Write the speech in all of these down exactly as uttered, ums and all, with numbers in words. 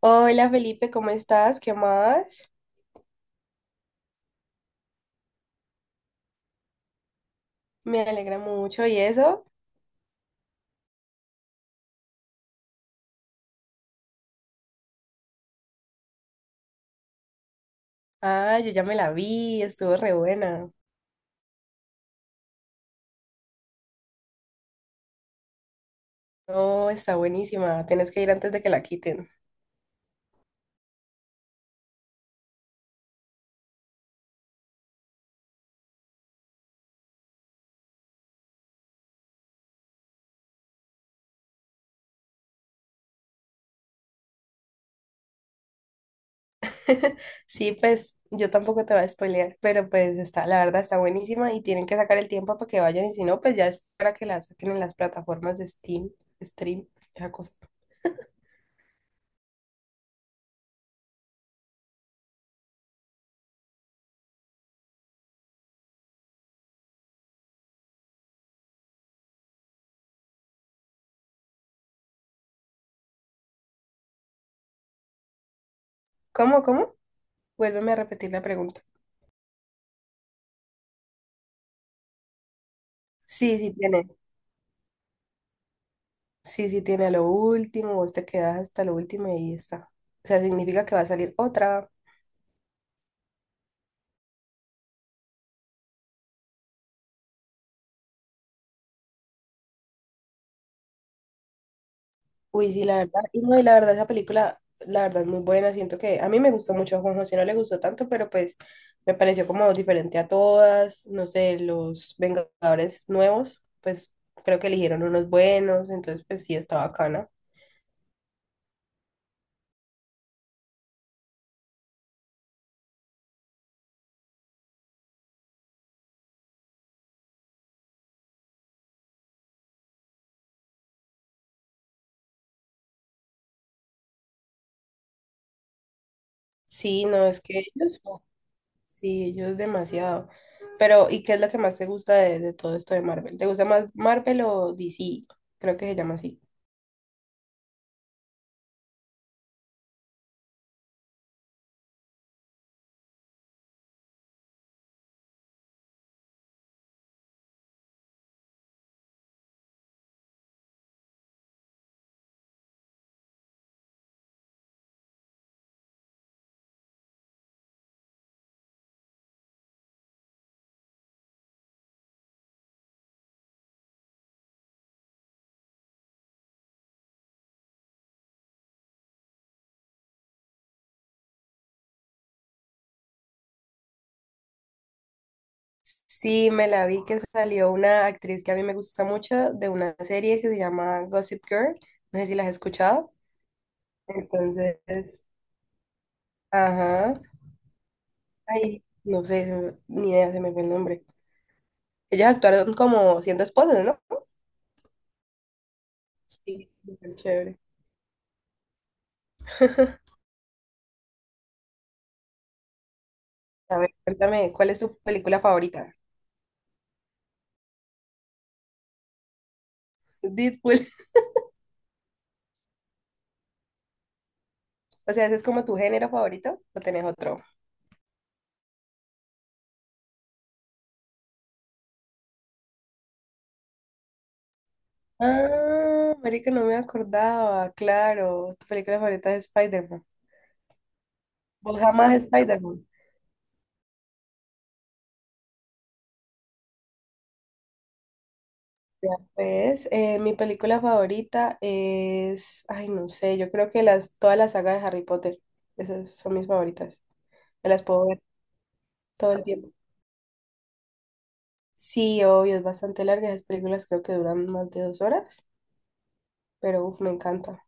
Hola Felipe, ¿cómo estás? ¿Qué más? Me alegra mucho. ¿Y eso? Ah, yo ya me la vi, estuvo re buena. No, está buenísima. Tienes que ir antes de que la quiten. Sí, pues yo tampoco te voy a spoilear, pero pues está, la verdad está buenísima y tienen que sacar el tiempo para que vayan y si no, pues ya es para que la saquen en las plataformas de Steam, Stream, esa cosa. ¿Cómo, cómo? Vuélveme a repetir la pregunta. Sí, sí, tiene. Sí, sí tiene a lo último, vos te quedas hasta lo último y ahí está. O sea, significa que va a salir otra. Uy, sí, la verdad. Y no, y la verdad, esa película, la verdad, es muy buena. Siento que a mí me gustó mucho, a Juan José no le gustó tanto, pero pues me pareció como diferente a todas. No sé, los Vengadores nuevos, pues creo que eligieron unos buenos, entonces pues sí, está bacana. Sí, no, es que ellos. Sí, ellos demasiado. Pero, ¿y qué es lo que más te gusta de, de todo esto de Marvel? ¿Te gusta más Marvel o D C? Creo que se llama así. Sí, me la vi que salió una actriz que a mí me gusta mucho de una serie que se llama Gossip Girl. No sé si la has escuchado. Entonces, ajá. Ay, no sé, se me- ni idea, se me fue el nombre. Ellas actuaron como siendo esposas, ¿no? Sí, súper chévere. A ver, cuéntame, ¿cuál es tu película favorita? Deadpool. O sea, ¿ese es como tu género favorito o tenés otro? Ah, marica, no me acordaba, claro. Tu película favorita es Spider-Man. ¿Vos jamás Spider-Man? Ya ves, eh, mi película favorita es, ay, no sé, yo creo que las, toda la saga de Harry Potter, esas son mis favoritas. Me las puedo ver todo el tiempo. Sí, obvio, es bastante larga, esas películas creo que duran más de dos horas, pero uf, me encanta.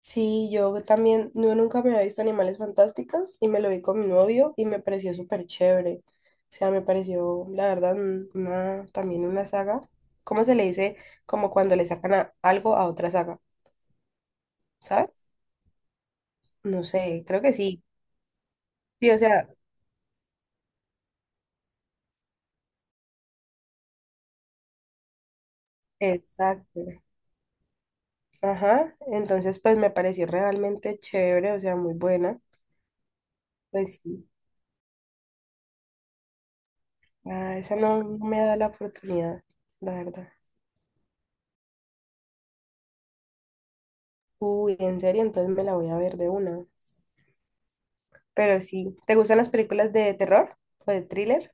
Sí, yo también, yo nunca me había visto Animales Fantásticos y me lo vi con mi novio y me pareció súper chévere. O sea, me pareció, la verdad, un- una, también una saga. ¿Cómo se le dice? Como cuando le sacan a- algo a otra saga, ¿sabes? No sé, creo que sí. Sí, o sea, exacto. Ajá, entonces pues me pareció realmente chévere, o sea, muy buena. Pues sí, ah, esa no, no me da la oportunidad, la verdad. Uy, en serio, entonces me la voy a ver de una. Pero sí, ¿te gustan las películas de terror o de thriller?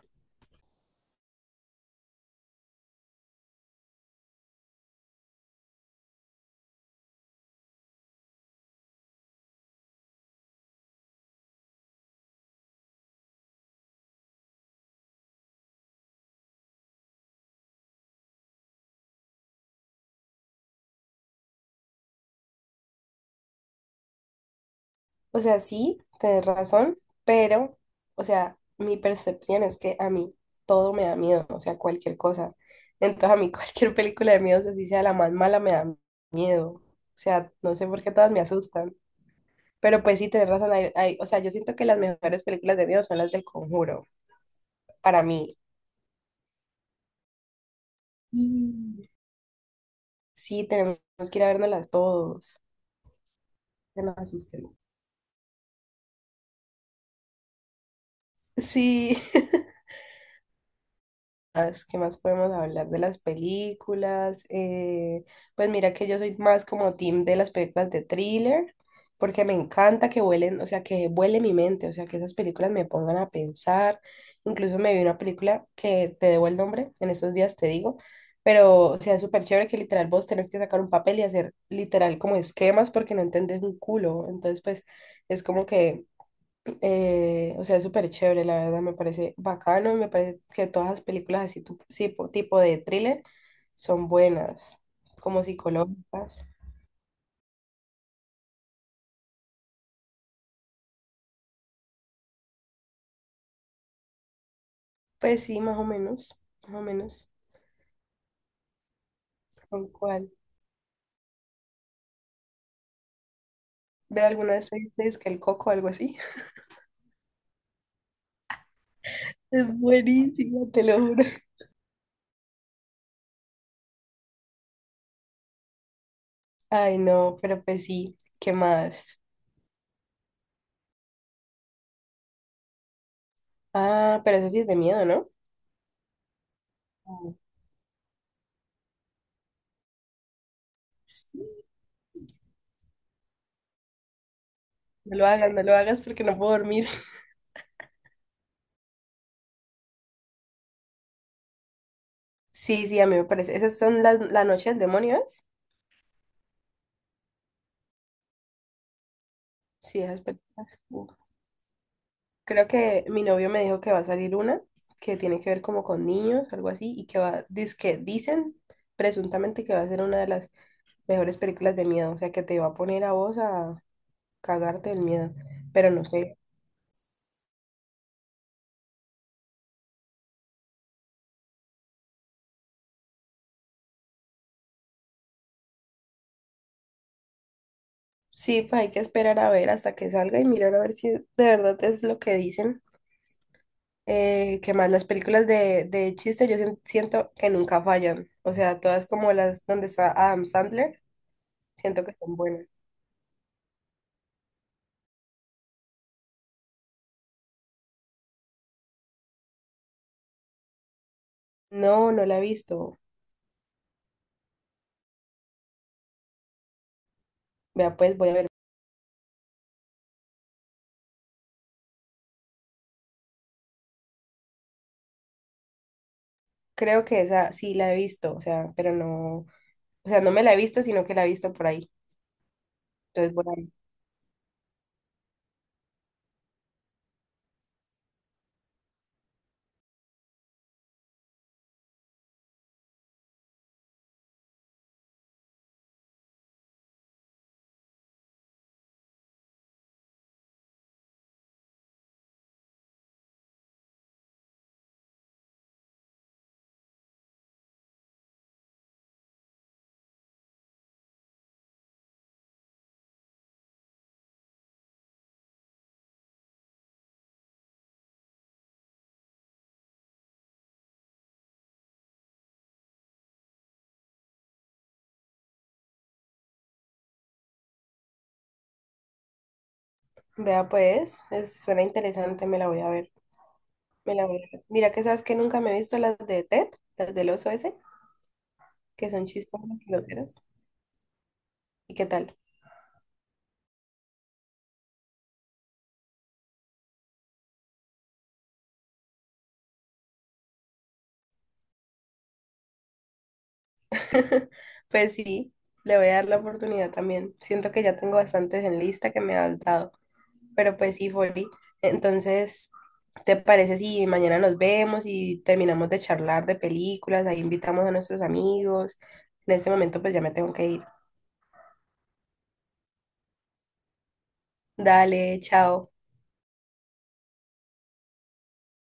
O sea, sí, tienes razón, pero, o sea, mi percepción es que a mí todo me da miedo, o sea, cualquier cosa. Entonces, a mí cualquier película de miedo, así sea la más mala, me da miedo. O sea, no sé por qué todas me asustan. Pero pues sí, tienes razón. hay- hay- o sea, yo siento que las mejores películas de miedo son las del Conjuro, para mí. Y sí, tenemos que ir a vernoslas todos. Que nos asusten. Sí. ¿más? ¿Qué más podemos hablar de las películas? Eh, pues mira que yo soy más como team de las películas de thriller, porque me encanta que vuelen, o sea, que vuele mi mente, o sea, que esas películas me pongan a pensar. Incluso me vi una película que te debo el nombre, en estos días te digo, pero o sea, es súper chévere que literal vos tenés que sacar un papel y hacer literal como esquemas porque no entendés un culo. Entonces, pues es como que eh, o sea, es súper chévere, la verdad, me parece bacano y me parece que todas las películas así tu- sí, po- tipo de thriller son buenas, como psicológicas. Pues sí, más o menos, más o menos. ¿Con cuál? ¿Ve alguna de seis veces que el coco o algo así? Es buenísimo, te lo juro. Ay, no, pero pues sí, ¿qué más? Ah, pero eso sí es de miedo, ¿no? Ay, sí. No lo hagas, no lo hagas porque no puedo dormir. Sí, sí, a mí me parece. Esas son las, la noche del demonio, ¿es? Sí, esas películas. Creo que mi novio me dijo que va a salir una que tiene que ver como con niños, algo así, y que va, que dicen presuntamente que va a ser una de las mejores películas de miedo, o sea, que te va a poner a vos a cagarte del miedo, pero no sé. Sí, pues hay que esperar a ver hasta que salga y mirar a ver si de verdad es lo que dicen. Eh, qué más las películas de, de chiste yo sien- siento que nunca fallan, o sea, todas como las donde está Adam Sandler, siento que son buenas. No, no la he visto. Vea, pues voy a ver. Creo que esa sí la he visto, o sea, pero no, o sea, no me la he visto, sino que la he visto por ahí. Entonces, bueno, vea pues, es- suena interesante, me la voy a ver, me la voy a ver. Mira que sabes que nunca me he visto las de Ted, las del oso ese, que son chistosas y groseras. ¿Y qué tal? Pues sí, le voy a dar la oportunidad también. Siento que ya tengo bastantes en lista que me has dado. Pero pues sí, Folly. Entonces, ¿te parece si mañana nos vemos y terminamos de charlar de películas? Ahí invitamos a nuestros amigos. En este momento, pues ya me tengo que ir. Dale, chao.